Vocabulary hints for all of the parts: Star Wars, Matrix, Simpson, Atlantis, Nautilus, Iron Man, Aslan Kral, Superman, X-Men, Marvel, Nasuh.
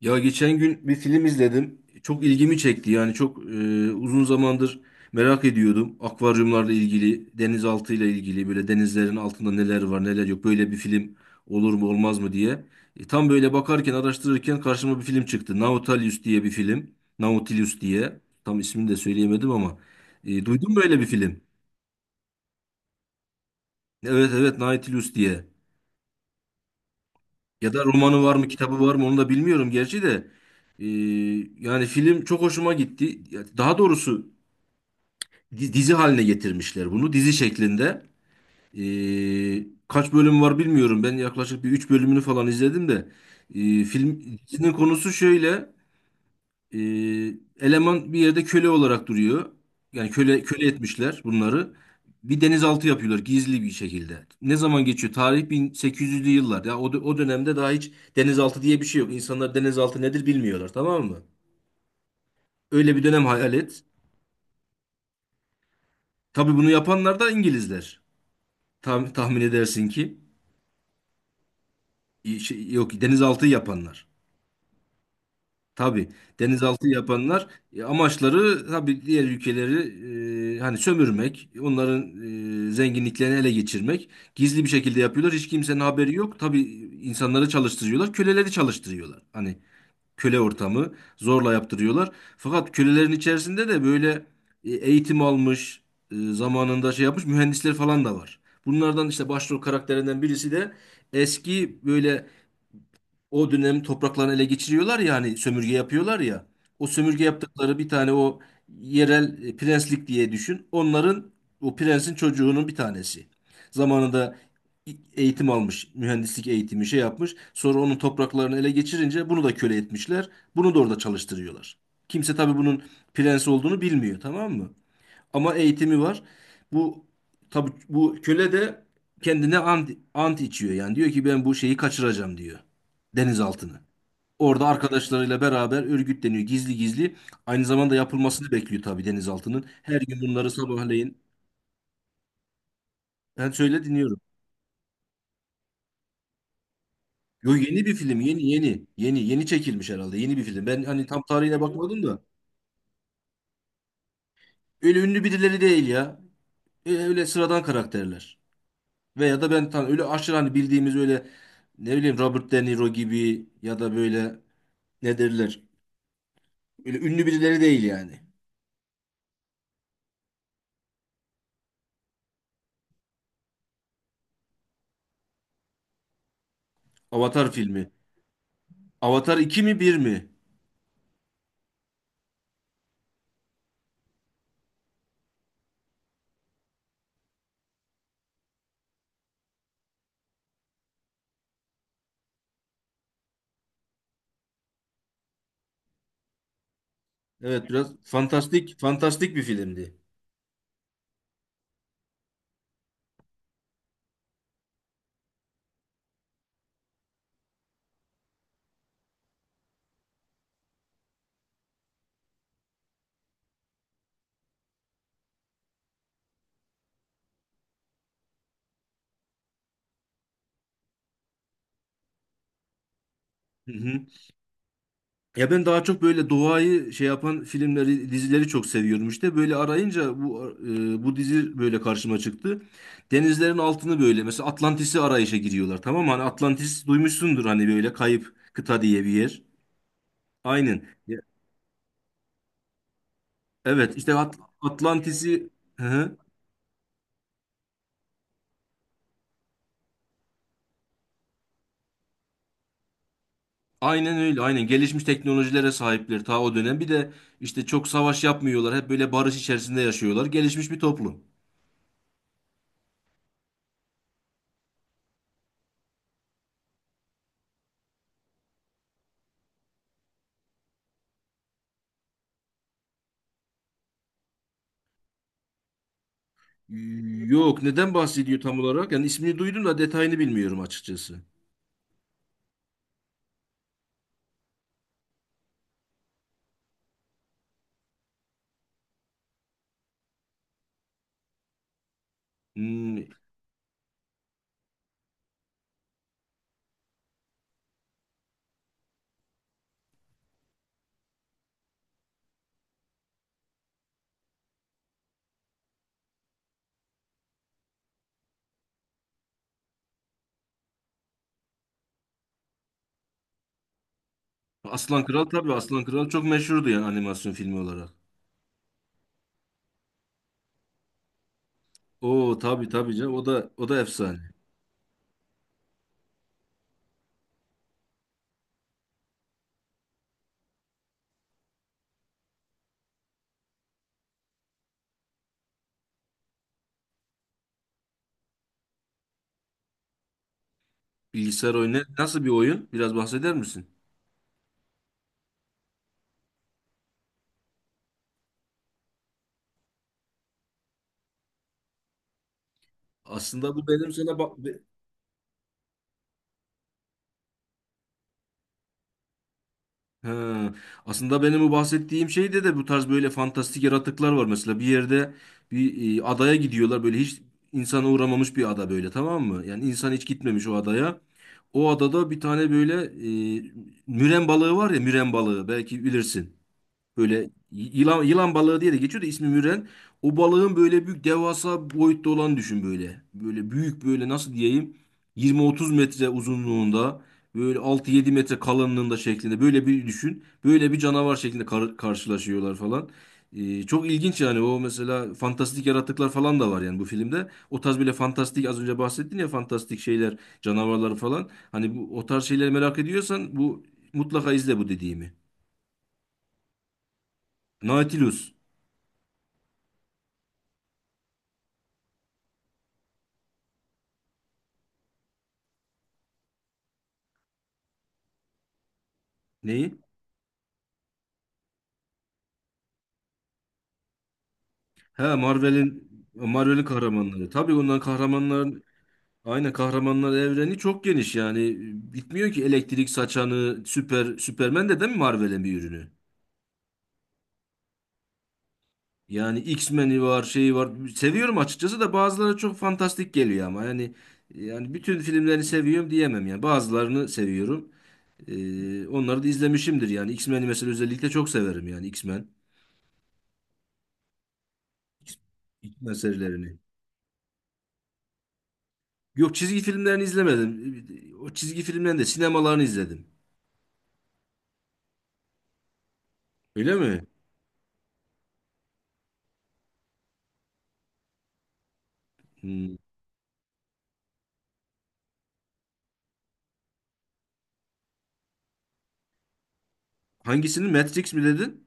Ya geçen gün bir film izledim. Çok ilgimi çekti. Yani çok uzun zamandır merak ediyordum. Akvaryumlarla ilgili, denizaltıyla ilgili böyle denizlerin altında neler var, neler yok. Böyle bir film olur mu, olmaz mı diye. Tam böyle bakarken, araştırırken karşıma bir film çıktı. Nautilus diye bir film. Nautilus diye. Tam ismini de söyleyemedim ama. Duydun mu böyle bir film? Evet, evet, Nautilus diye. Ya da romanı var mı, kitabı var mı onu da bilmiyorum gerçi de. Ee, Yani film çok hoşuma gitti. Ya daha doğrusu dizi haline getirmişler bunu. Dizi şeklinde. Kaç bölüm var bilmiyorum. Ben yaklaşık bir 3 bölümünü falan izledim de. Film dizinin konusu şöyle. Ee, Eleman bir yerde köle olarak duruyor. Yani köle köle etmişler bunları. Bir denizaltı yapıyorlar gizli bir şekilde. Ne zaman geçiyor? Tarih 1800'lü yıllar. Ya o dönemde daha hiç denizaltı diye bir şey yok. İnsanlar denizaltı nedir bilmiyorlar, tamam mı? Öyle bir dönem hayal et. Tabii bunu yapanlar da İngilizler. Tam, tahmin edersin ki şey, yok, denizaltı yapanlar. Tabii denizaltı yapanlar, amaçları tabii diğer ülkeleri, hani sömürmek, onların zenginliklerini ele geçirmek. Gizli bir şekilde yapıyorlar. Hiç kimsenin haberi yok. Tabii insanları çalıştırıyorlar, köleleri çalıştırıyorlar. Hani köle ortamı zorla yaptırıyorlar. Fakat kölelerin içerisinde de böyle eğitim almış, zamanında şey yapmış mühendisler falan da var. Bunlardan işte başrol karakterinden birisi de eski böyle o dönem topraklarını ele geçiriyorlar ya, hani sömürge yapıyorlar ya. O sömürge yaptıkları bir tane o yerel prenslik diye düşün. Onların o prensin çocuğunun bir tanesi. Zamanında eğitim almış, mühendislik eğitimi şey yapmış. Sonra onun topraklarını ele geçirince bunu da köle etmişler. Bunu da orada çalıştırıyorlar. Kimse tabii bunun prens olduğunu bilmiyor, tamam mı? Ama eğitimi var. Bu, tabi bu köle de kendine ant içiyor, yani diyor ki ben bu şeyi kaçıracağım diyor, denizaltını. Orada arkadaşlarıyla beraber örgütleniyor gizli gizli. Aynı zamanda yapılmasını bekliyor tabii denizaltının. Her gün bunları sabahleyin ben söyle dinliyorum. Yo, yeni bir film, yeni yeni çekilmiş herhalde, yeni bir film. Ben hani tam tarihine bakmadım da, öyle ünlü birileri değil ya. Öyle sıradan karakterler. Veya da ben öyle aşırı hani bildiğimiz öyle, ne bileyim, Robert De Niro gibi ya da böyle, ne derler? Öyle ünlü birileri değil yani. Avatar filmi. Avatar 2 mi bir mi? Evet, biraz fantastik fantastik bir filmdi. Hı hı. Ya ben daha çok böyle doğayı şey yapan filmleri, dizileri çok seviyorum işte. Böyle arayınca bu dizi böyle karşıma çıktı. Denizlerin altını böyle, mesela Atlantis'i arayışa giriyorlar, tamam mı? Hani Atlantis duymuşsundur, hani böyle kayıp kıta diye bir yer. Aynen. Evet işte Atlantis'i. Hı hı. Aynen öyle, aynen gelişmiş teknolojilere sahipler ta o dönem. Bir de işte çok savaş yapmıyorlar. Hep böyle barış içerisinde yaşıyorlar. Gelişmiş bir toplum. Yok, neden bahsediyor tam olarak? Yani ismini duydum da detayını bilmiyorum açıkçası. Hmm. Aslan Kral, tabii Aslan Kral çok meşhurdu yani animasyon filmi olarak. Oo, tabii tabii canım, o da o da efsane. Bilgisayar oyunu nasıl bir oyun? Biraz bahseder misin? Aslında bu benim sana bak Ha, aslında benim bu bahsettiğim şeyde de bu tarz böyle fantastik yaratıklar var. Mesela bir yerde bir adaya gidiyorlar, böyle hiç insana uğramamış bir ada böyle, tamam mı? Yani insan hiç gitmemiş o adaya. O adada bir tane böyle e, müren balığı var ya, müren balığı, belki bilirsin. Böyle yılan balığı diye de geçiyor da ismi Müren. O balığın böyle büyük, devasa boyutta olan düşün böyle. Böyle büyük, böyle nasıl diyeyim, 20-30 metre uzunluğunda, böyle 6-7 metre kalınlığında şeklinde, böyle bir düşün. Böyle bir canavar şeklinde karşılaşıyorlar falan. Çok ilginç yani, o mesela fantastik yaratıklar falan da var yani bu filmde. O tarz böyle fantastik, az önce bahsettin ya, fantastik şeyler, canavarlar falan. Hani bu o tarz şeyleri merak ediyorsan bu, mutlaka izle bu dediğimi. Nautilus. Neyi? He Marvel'in. Marvel'in kahramanları. Tabii ondan kahramanlar, aynı kahramanlar evreni çok geniş yani, bitmiyor ki. Elektrik saçanı Süper Superman de değil mi Marvel'in bir ürünü? Yani X-Men'i var, şeyi var. Seviyorum açıkçası da bazıları çok fantastik geliyor ama yani bütün filmlerini seviyorum diyemem yani. Bazılarını seviyorum. Onları da izlemişimdir yani. X-Men'i mesela özellikle çok severim yani, X-Men. X-Men serilerini. Yok, çizgi filmlerini izlemedim. O çizgi filmlerin de sinemalarını izledim. Öyle mi? Hmm. Hangisini? Matrix mi dedin?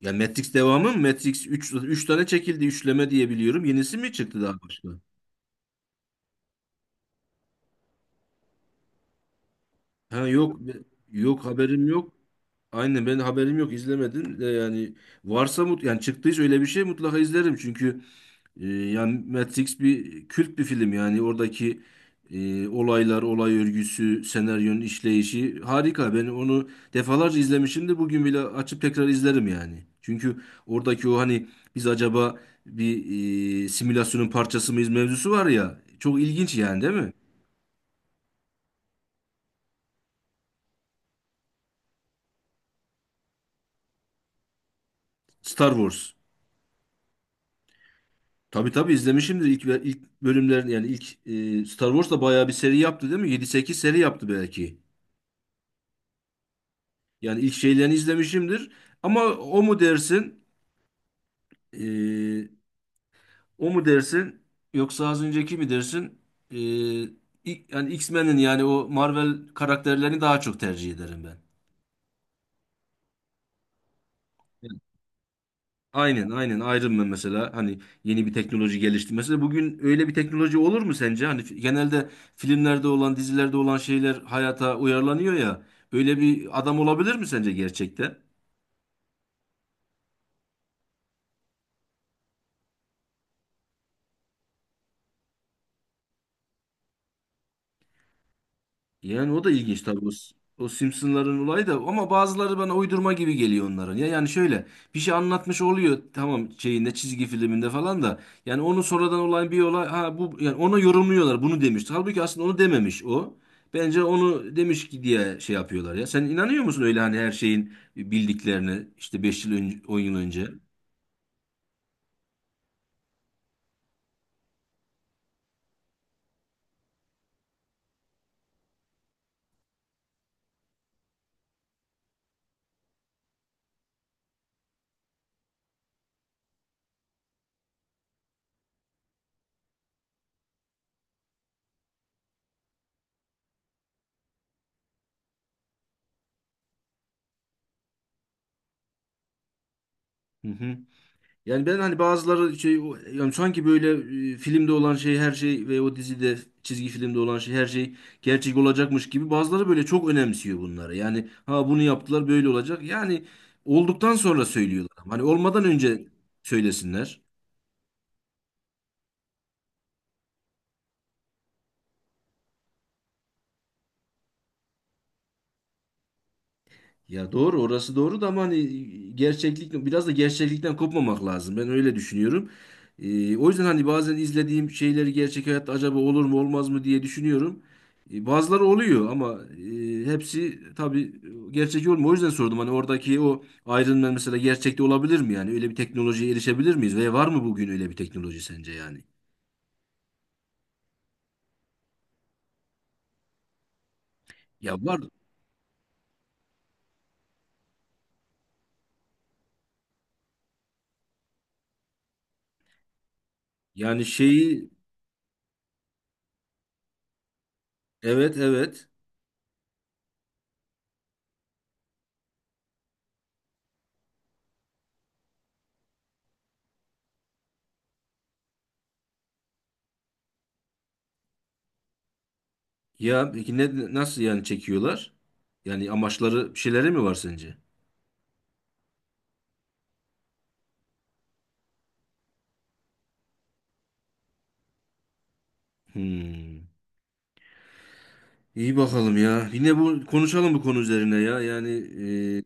Ya Matrix devamı mı? Matrix üç tane çekildi, üçleme diye biliyorum. Yenisi mi çıktı daha başka? Ha, yok, yok, haberim yok. Aynen, ben haberim yok, izlemedim de yani, varsa yani çıktıysa öyle bir şey mutlaka izlerim, çünkü yani Matrix bir kült bir film yani, oradaki olaylar, olay örgüsü, senaryonun işleyişi harika. Ben onu defalarca izlemişimdir. Bugün bile açıp tekrar izlerim yani. Çünkü oradaki o, hani biz acaba bir simülasyonun parçası mıyız mevzusu var ya. Çok ilginç yani, değil mi? Star Wars. Tabii tabii izlemişimdir ilk ilk bölümlerin yani, ilk, Star Wars da bayağı bir seri yaptı değil mi? 7-8 seri yaptı belki. Yani ilk şeylerini izlemişimdir. Ama o mu dersin? Ee, O mu dersin yoksa az önceki mi dersin? Ee, Yani X-Men'in, yani o Marvel karakterlerini daha çok tercih ederim ben. Evet. Aynen, aynen, Iron Man mesela, hani yeni bir teknoloji gelişti. Mesela bugün öyle bir teknoloji olur mu sence? Hani genelde filmlerde olan, dizilerde olan şeyler hayata uyarlanıyor ya. Öyle bir adam olabilir mi sence gerçekte? Yani o da ilginç tabii. O Simpson'ların olayı da, ama bazıları bana uydurma gibi geliyor onların. Ya yani şöyle bir şey anlatmış oluyor, tamam, şeyinde çizgi filminde falan da, yani onu sonradan olan bir olay, ha bu yani ona yorumluyorlar, bunu demiş. Halbuki aslında onu dememiş o. Bence onu demiş ki diye şey yapıyorlar ya. Sen inanıyor musun öyle, hani her şeyin bildiklerine işte 5 yıl önce, 10 yıl önce? Hı hı. Yani ben hani bazıları şey, yani sanki böyle filmde olan şey, her şey ve o dizide, çizgi filmde olan şey, her şey gerçek olacakmış gibi, bazıları böyle çok önemsiyor bunları. Yani ha, bunu yaptılar, böyle olacak. Yani olduktan sonra söylüyorlar. Hani olmadan önce söylesinler. Ya doğru, orası doğru da, ama hani gerçeklik, biraz da gerçeklikten kopmamak lazım. Ben öyle düşünüyorum. O yüzden hani bazen izlediğim şeyleri gerçek hayatta acaba olur mu olmaz mı diye düşünüyorum. Bazıları oluyor ama hepsi tabii gerçek olmuyor. O yüzden sordum, hani oradaki o Iron Man mesela gerçekte olabilir mi yani? Öyle bir teknolojiye erişebilir miyiz? Ve var mı bugün öyle bir teknoloji sence yani? Ya var. Yani şeyi, evet, evet. Ya peki ne, nasıl yani çekiyorlar? Yani amaçları bir şeyleri mi var sence? Hmm. İyi bakalım ya. Yine bu, konuşalım bu konu üzerine ya. Yani, e, e,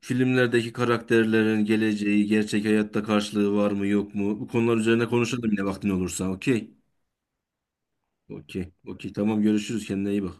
filmlerdeki karakterlerin geleceği, gerçek hayatta karşılığı var mı yok mu? Bu konular üzerine konuşalım yine vaktin olursa. Okey. Okey. Okey. Tamam, görüşürüz. Kendine iyi bak.